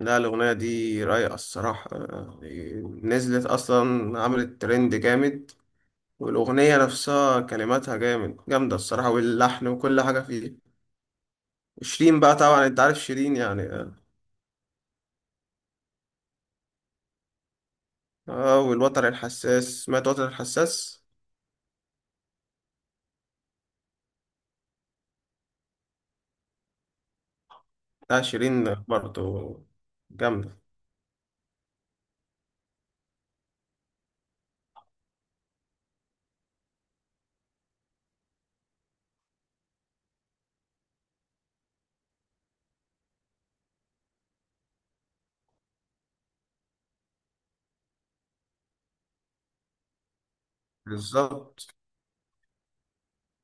لا، الأغنية دي رايقة الصراحة آه، نزلت أصلا عملت ترند جامد. والأغنية نفسها كلماتها جامدة الصراحة، واللحن وكل حاجة فيه. شيرين بقى طبعا أنت عارف شيرين يعني آه. آه، والوتر الحساس، سمعت وتر الحساس. لا شيرين برضه جامدة. بالظبط.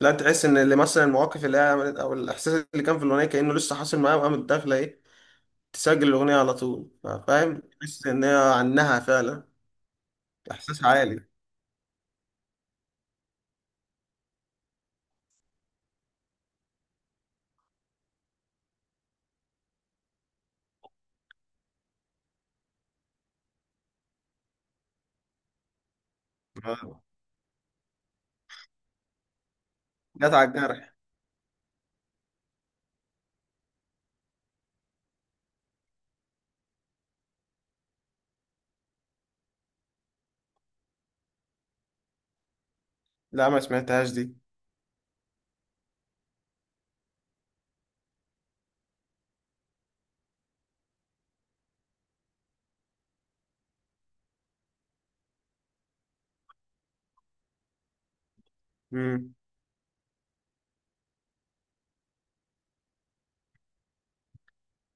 لا، تحس إن اللي مثلا المواقف اللي هي عملت أو الإحساس اللي كان في الأغنية كأنه لسه حاصل معاه، وقامت داخلة إيه تسجل الأغنية على طول، فاهم؟ تحس إن هي عنها فعلا. إحساس عالي. آه. جت على الجرح. لا ما سمعتهاش دي. امم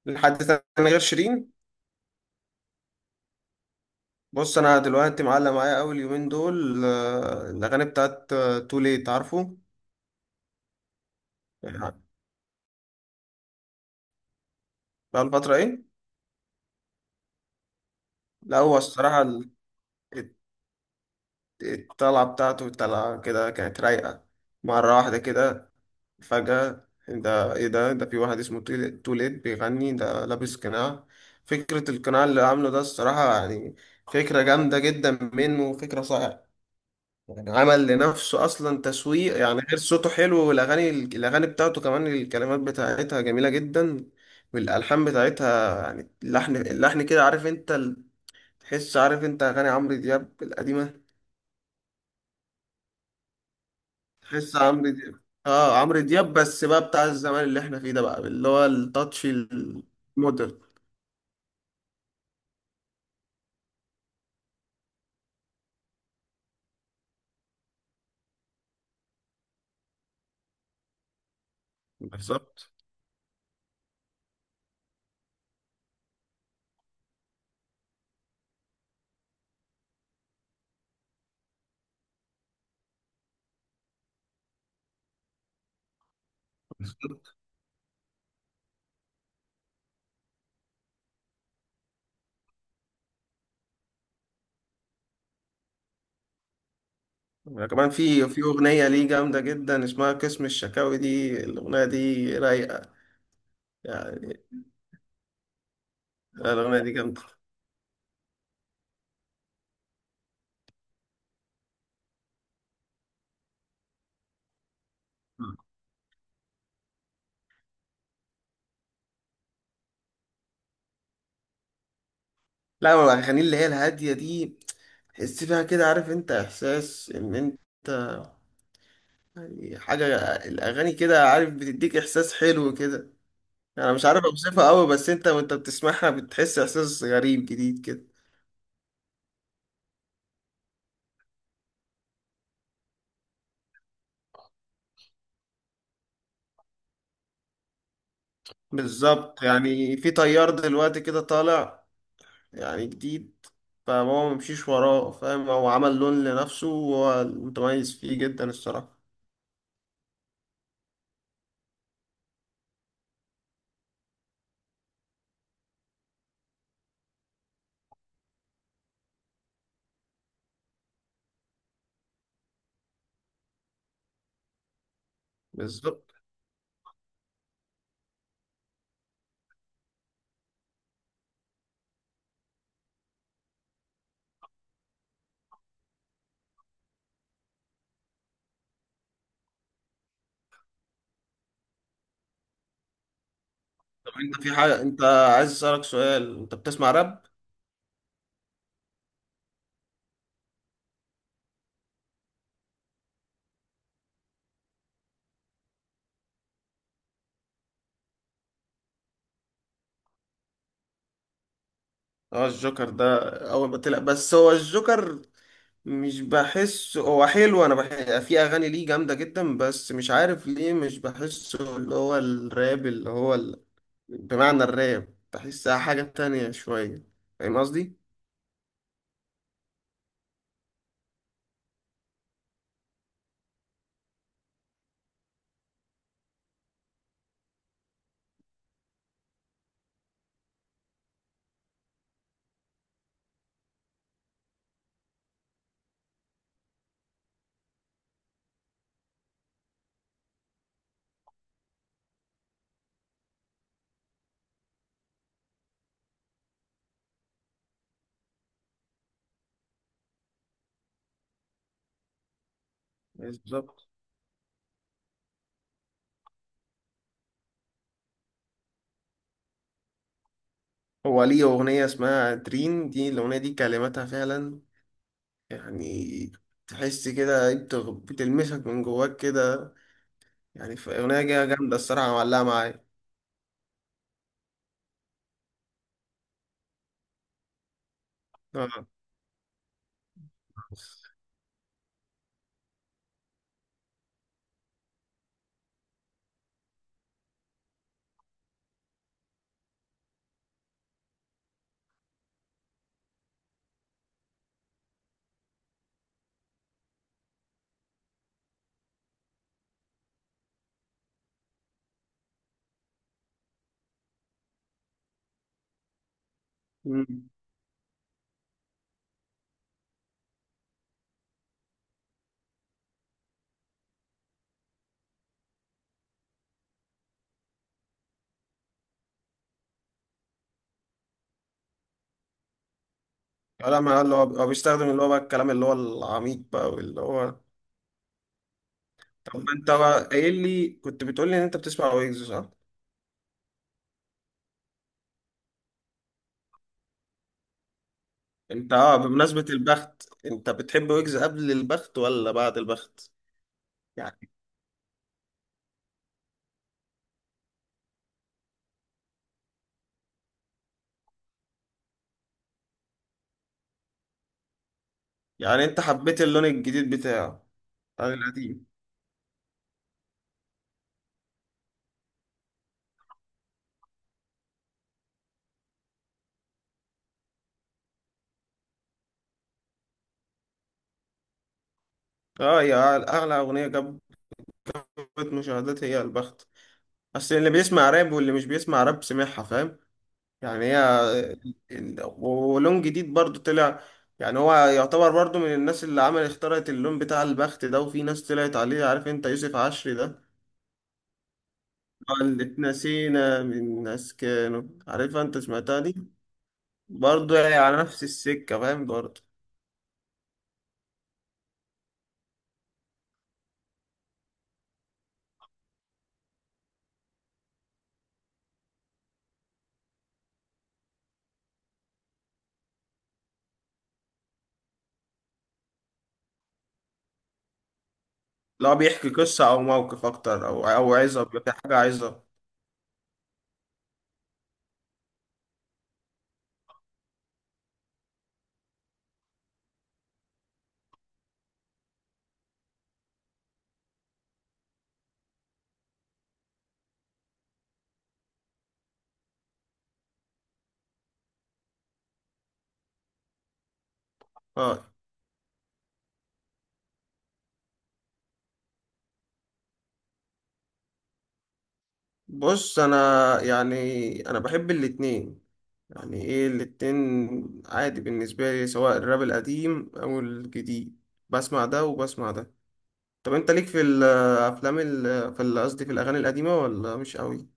لحد تاني غير شيرين؟ بص انا دلوقتي معلق معايا اول يومين دول آه، الاغاني بتاعت تو ليت، عارفه؟ يعني بقى الفتره ايه. لا هو الصراحه الت- الطلعه بتاعته، الطلعه كده كانت رايقه مره واحده كده فجاه. ده ايه ده؟ في واحد اسمه تو ليت بيغني، ده لابس قناع. فكره القناع اللي عامله ده الصراحه يعني فكره جامده جدا منه وفكره صح. يعني عمل لنفسه اصلا تسويق. يعني غير صوته حلو، والاغاني بتاعته كمان الكلمات بتاعتها جميله جدا. والالحان بتاعتها يعني اللحن كده، عارف انت تحس، عارف انت اغاني عمرو دياب القديمه، تحس عمرو دياب. اه عمرو دياب بس بقى بتاع الزمان اللي احنا فيه ده، بقى اللي هو التاتش المودرن. بالظبط. كمان في اغنيه ليه جامده جدا اسمها قسم الشكاوي، دي الاغنيه دي رايقه يعني، الاغنيه دي جامده. لا هو الأغاني اللي هي الهادية دي تحس فيها كده، عارف انت، إحساس إن انت يعني حاجة. الأغاني كده، عارف، بتديك إحساس حلو كده. أنا مش عارف أوصفها أوي بس انت وانت بتسمعها بتحس إحساس غريب جديد كده. بالظبط، يعني في تيار دلوقتي كده طالع يعني جديد، فهو ممشيش وراه، فاهم؟ هو عمل لون لنفسه وهو متميز فيه جدا الصراحة. بالظبط. طب انت في حاجة، انت عايز أسألك سؤال، انت بتسمع راب؟ اه الجوكر ده اول ما طلع. بس هو الجوكر مش بحس هو حلو. انا بحس في اغاني ليه جامده جدا، بس مش عارف ليه مش بحسه، اللي هو الراب اللي هو ال... بمعنى الراب بحسها حاجه تانية شويه، فاهم قصدي؟ بالظبط. هو ليه اغنيه اسمها دريم، دي الاغنيه دي كلماتها فعلا يعني، تحس كده بتلمسك من جواك كده. يعني في اغنيه جامده الصراحه معلقه معايا. اه. لا ما اللي هو هو بيستخدم اللي هو بقى الكلام اللي هو العميق بقى واللي هو. طب ما انت بقى قايل لي، كنت بتقول لي ان انت بتسمع ويجز، صح؟ انت اه بمناسبة البخت، انت بتحب ويجز قبل البخت ولا بعد البخت؟ يعني. يعني انت حبيت اللون الجديد بتاعه عن القديم. اه، اعلى اغنية جابت مشاهدات هي البخت. بس اللي بيسمع راب واللي مش بيسمع راب سمعها، فاهم؟ يعني هي ال- ولون جديد برضو طلع. يعني هو يعتبر برضو من الناس اللي عمل اخترعت اللون بتاع البخت ده، وفي ناس طلعت عليه، عارف انت يوسف عشري ده اللي اتنسينا من ناس كانوا عارفها انت، سمعتها دي؟ برضو يعني على نفس السكة، فاهم برضو؟ لو بيحكي قصة او موقف اكتر او عظة، بيبقى في حاجة عظة. اه. بص انا يعني انا بحب الاتنين. يعني ايه الاتنين عادي بالنسبة لي، سواء الراب القديم او الجديد بسمع ده وبسمع ده. طب انت ليك في الافلام ال- في ال- قصدي في الاغاني القديمة ولا مش قوي؟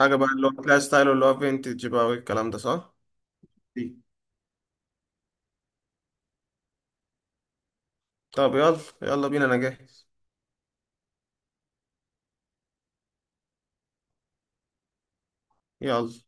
حاجة بقى اللي هو تلاقي ستايل اللي هو فينتج بقى والكلام ده، صح؟ دي. طب يلا يلا بينا انا جاهز. يلا.